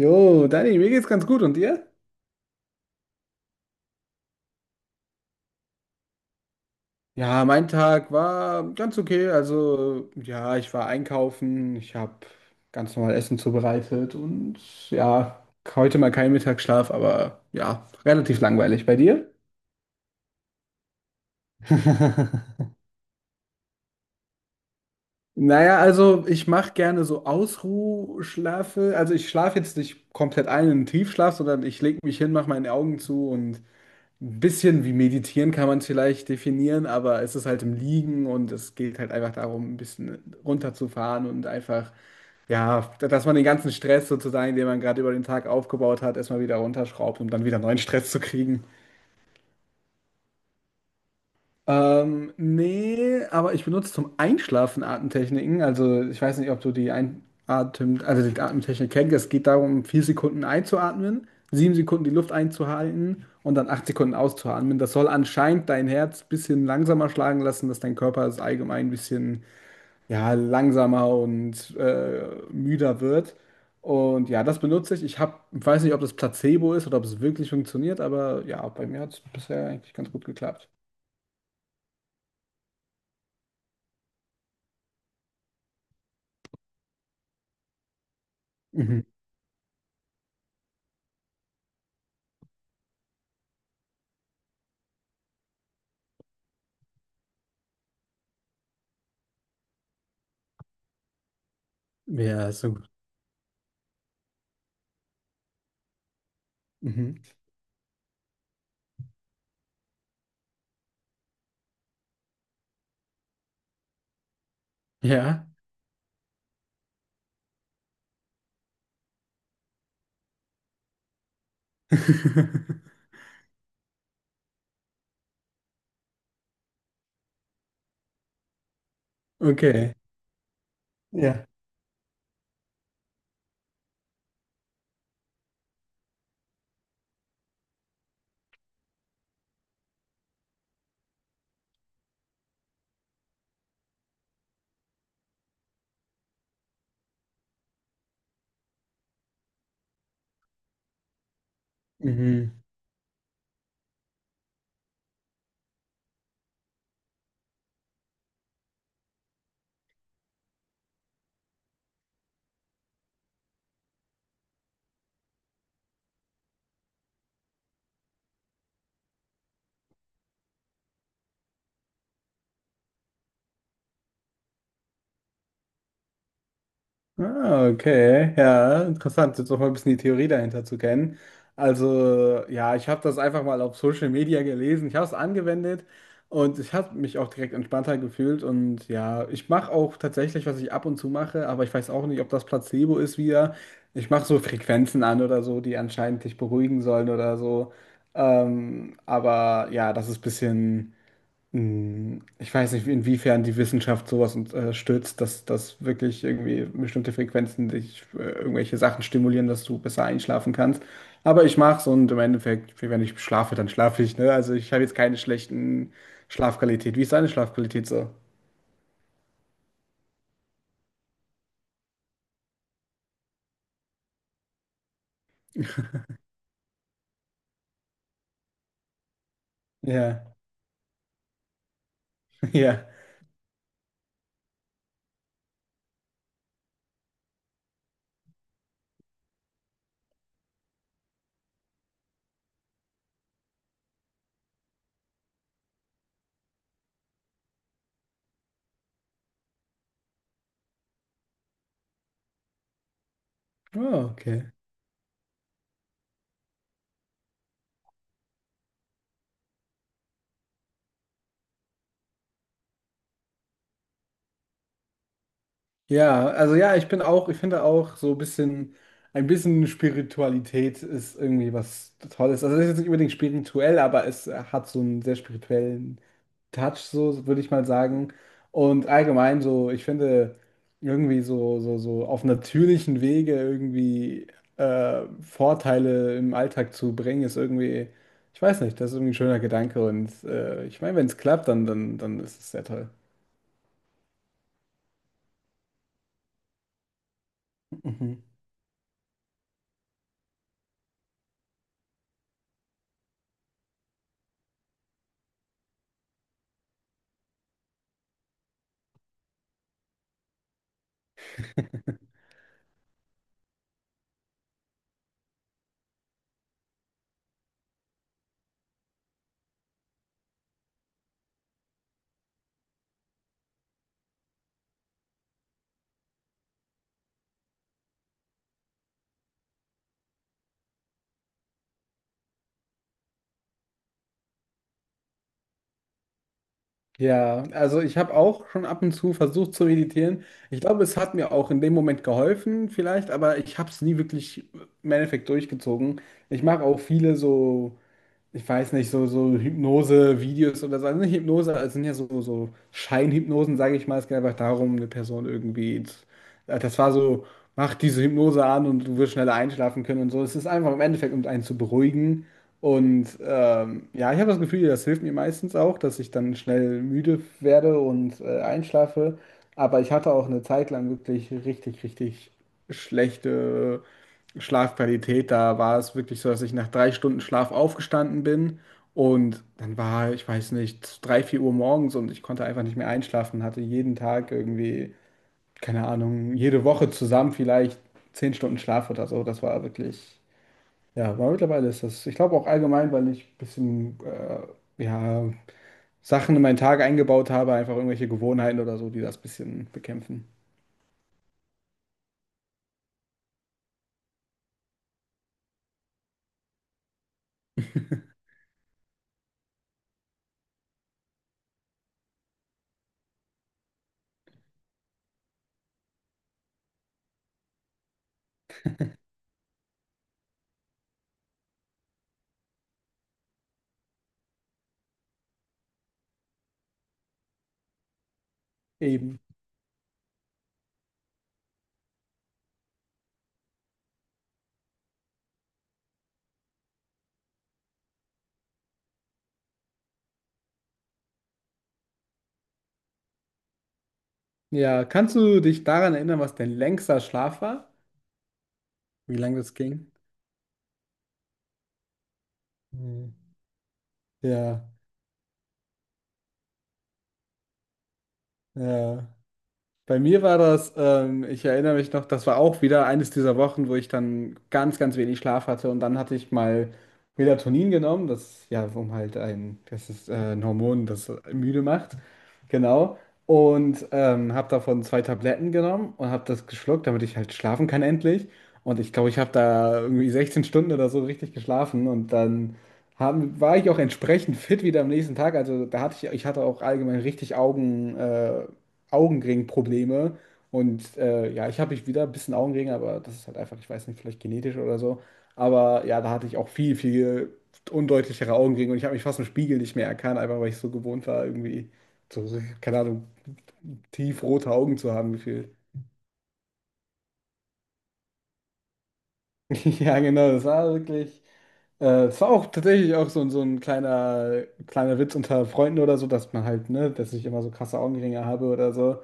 Jo, Dani, mir geht's ganz gut und dir? Ja, mein Tag war ganz okay. Also, ja, ich war einkaufen, ich habe ganz normal Essen zubereitet und ja, heute mal keinen Mittagsschlaf, aber ja, relativ langweilig. Bei dir? Naja, also ich mache gerne so Ausruhschlafe. Also ich schlafe jetzt nicht komplett ein in den Tiefschlaf, sondern ich lege mich hin, mache meine Augen zu und ein bisschen wie meditieren kann man es vielleicht definieren, aber es ist halt im Liegen und es geht halt einfach darum, ein bisschen runterzufahren und einfach, ja, dass man den ganzen Stress sozusagen, den man gerade über den Tag aufgebaut hat, erstmal wieder runterschraubt, um dann wieder neuen Stress zu kriegen. Nee, aber ich benutze zum Einschlafen Atemtechniken. Also ich weiß nicht, ob du die Einatem, also die Atemtechnik kennst. Es geht darum, 4 Sekunden einzuatmen, 7 Sekunden die Luft einzuhalten und dann 8 Sekunden auszuatmen. Das soll anscheinend dein Herz ein bisschen langsamer schlagen lassen, dass dein Körper es allgemein ein bisschen ja, langsamer und müder wird. Und ja, das benutze ich. Ich hab, weiß nicht, ob das Placebo ist oder ob es wirklich funktioniert, aber ja, bei mir hat es bisher eigentlich ganz gut geklappt. Mhm. Ja, so. Mhm. Ja. Okay. Ja. Mhm. Ah, okay. Ja, interessant, jetzt auch mal ein bisschen die Theorie dahinter zu kennen. Also, ja, ich habe das einfach mal auf Social Media gelesen. Ich habe es angewendet und ich habe mich auch direkt entspannter gefühlt. Und ja, ich mache auch tatsächlich, was ich ab und zu mache, aber ich weiß auch nicht, ob das Placebo ist wieder. Ich mache so Frequenzen an oder so, die anscheinend dich beruhigen sollen oder so. Aber ja, das ist ein bisschen. Ich weiß nicht, inwiefern die Wissenschaft sowas unterstützt, dass wirklich irgendwie bestimmte Frequenzen dich irgendwelche Sachen stimulieren, dass du besser einschlafen kannst. Aber ich mache es und im Endeffekt, wenn ich schlafe, dann schlafe ich, ne? Also ich habe jetzt keine schlechten Schlafqualität. Wie ist deine Schlafqualität so? Ja, ja. Oh, okay. Ja, also ja, ich bin auch, ich finde auch so ein bisschen Spiritualität ist irgendwie was Tolles. Also es ist jetzt nicht unbedingt spirituell, aber es hat so einen sehr spirituellen Touch, so würde ich mal sagen. Und allgemein so, ich finde, irgendwie so auf natürlichen Wege irgendwie Vorteile im Alltag zu bringen, ist irgendwie, ich weiß nicht, das ist irgendwie ein schöner Gedanke. Und ich meine, wenn es klappt, dann ist es sehr toll. Mhm. Ja, also ich habe auch schon ab und zu versucht zu meditieren. Ich glaube, es hat mir auch in dem Moment geholfen, vielleicht, aber ich habe es nie wirklich im Endeffekt durchgezogen. Ich mache auch viele so, ich weiß nicht, so Hypnose-Videos oder so. Also nicht Hypnose, also sind ja so Scheinhypnosen, sage ich mal. Es geht einfach darum, eine Person irgendwie. Das war so, mach diese Hypnose an und du wirst schneller einschlafen können und so. Es ist einfach im Endeffekt, um einen zu beruhigen. Und ja, ich habe das Gefühl, das hilft mir meistens auch, dass ich dann schnell müde werde und einschlafe. Aber ich hatte auch eine Zeit lang wirklich richtig, richtig schlechte Schlafqualität, da war es wirklich so, dass ich nach 3 Stunden Schlaf aufgestanden bin und dann war, ich weiß nicht, drei, vier Uhr morgens und ich konnte einfach nicht mehr einschlafen, hatte jeden Tag irgendwie, keine Ahnung, jede Woche zusammen vielleicht 10 Stunden Schlaf oder so. Das war wirklich, ja, aber mittlerweile ist das, ich glaube auch allgemein, weil ich ein bisschen, ja, Sachen in meinen Tag eingebaut habe, einfach irgendwelche Gewohnheiten oder so, die das ein bisschen bekämpfen. Eben. Ja, kannst du dich daran erinnern, was dein längster Schlaf war, wie lange das ging? Hm. Ja, ja. Bei mir war das, ich erinnere mich noch, das war auch wieder eines dieser Wochen, wo ich dann ganz, ganz wenig Schlaf hatte und dann hatte ich mal Melatonin genommen, das ja, um halt ein, das ist ein Hormon, das müde macht, genau. Und habe davon zwei Tabletten genommen und habe das geschluckt, damit ich halt schlafen kann endlich. Und ich glaube, ich habe da irgendwie 16 Stunden oder so richtig geschlafen und dann war ich auch entsprechend fit wieder am nächsten Tag. Also da hatte ich, ich hatte auch allgemein richtig Augenringprobleme. Und ja, ich habe ich wieder ein bisschen Augenringe, aber das ist halt einfach, ich weiß nicht, vielleicht genetisch oder so. Aber ja, da hatte ich auch viel, viel undeutlichere Augenringe und ich habe mich fast im Spiegel nicht mehr erkannt, einfach weil ich so gewohnt war, irgendwie so, keine Ahnung, tiefrote Augen zu haben gefühlt. Ja, genau, das war wirklich. Es war auch tatsächlich auch so, so ein kleiner, kleiner Witz unter Freunden oder so, dass man halt, ne, dass ich immer so krasse Augenringe habe oder so.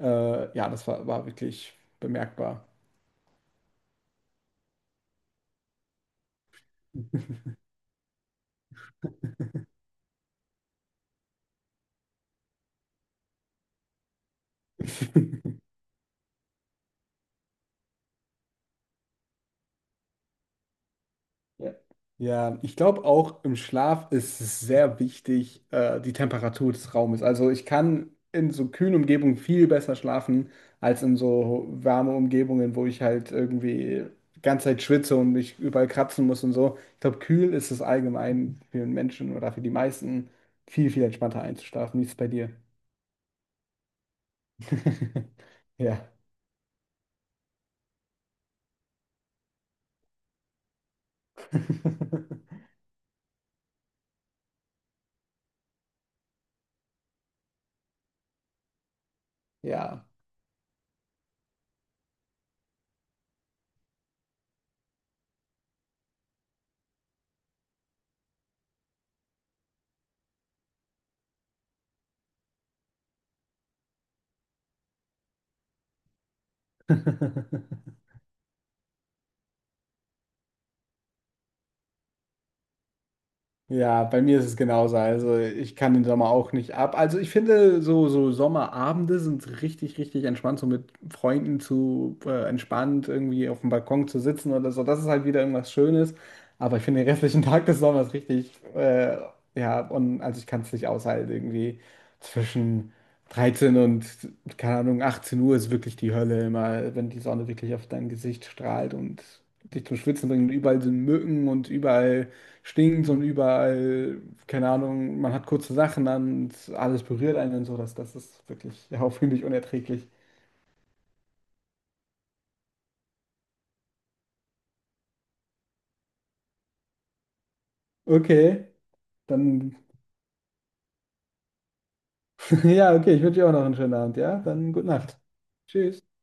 Ja, das war, wirklich bemerkbar. Ja. Ja, ich glaube auch im Schlaf ist es sehr wichtig, die Temperatur des Raumes. Also ich kann in so kühlen Umgebungen viel besser schlafen als in so warme Umgebungen, wo ich halt irgendwie die ganze Zeit schwitze und mich überall kratzen muss und so. Ich glaube, kühl ist es allgemein für den Menschen oder für die meisten viel, viel entspannter einzuschlafen. Wie ist es bei dir? Ja. Ja. Ja, bei mir ist es genauso. Also ich kann den Sommer auch nicht ab. Also ich finde, so Sommerabende sind richtig, richtig entspannt, so mit Freunden zu entspannt irgendwie auf dem Balkon zu sitzen oder so. Das ist halt wieder irgendwas Schönes. Aber ich finde den restlichen Tag des Sommers richtig, ja, und also ich kann es nicht aushalten. Irgendwie zwischen 13 und, keine Ahnung, 18 Uhr ist wirklich die Hölle immer, wenn die Sonne wirklich auf dein Gesicht strahlt und dich zum Schwitzen bringt. Und überall sind Mücken und überall stinkt und überall, keine Ahnung, man hat kurze Sachen an und alles berührt einen und so. Das ist wirklich, ja, finde ich unerträglich. Okay, dann, ja, okay, ich wünsche dir auch noch einen schönen Abend, ja? Dann gute Nacht. Tschüss.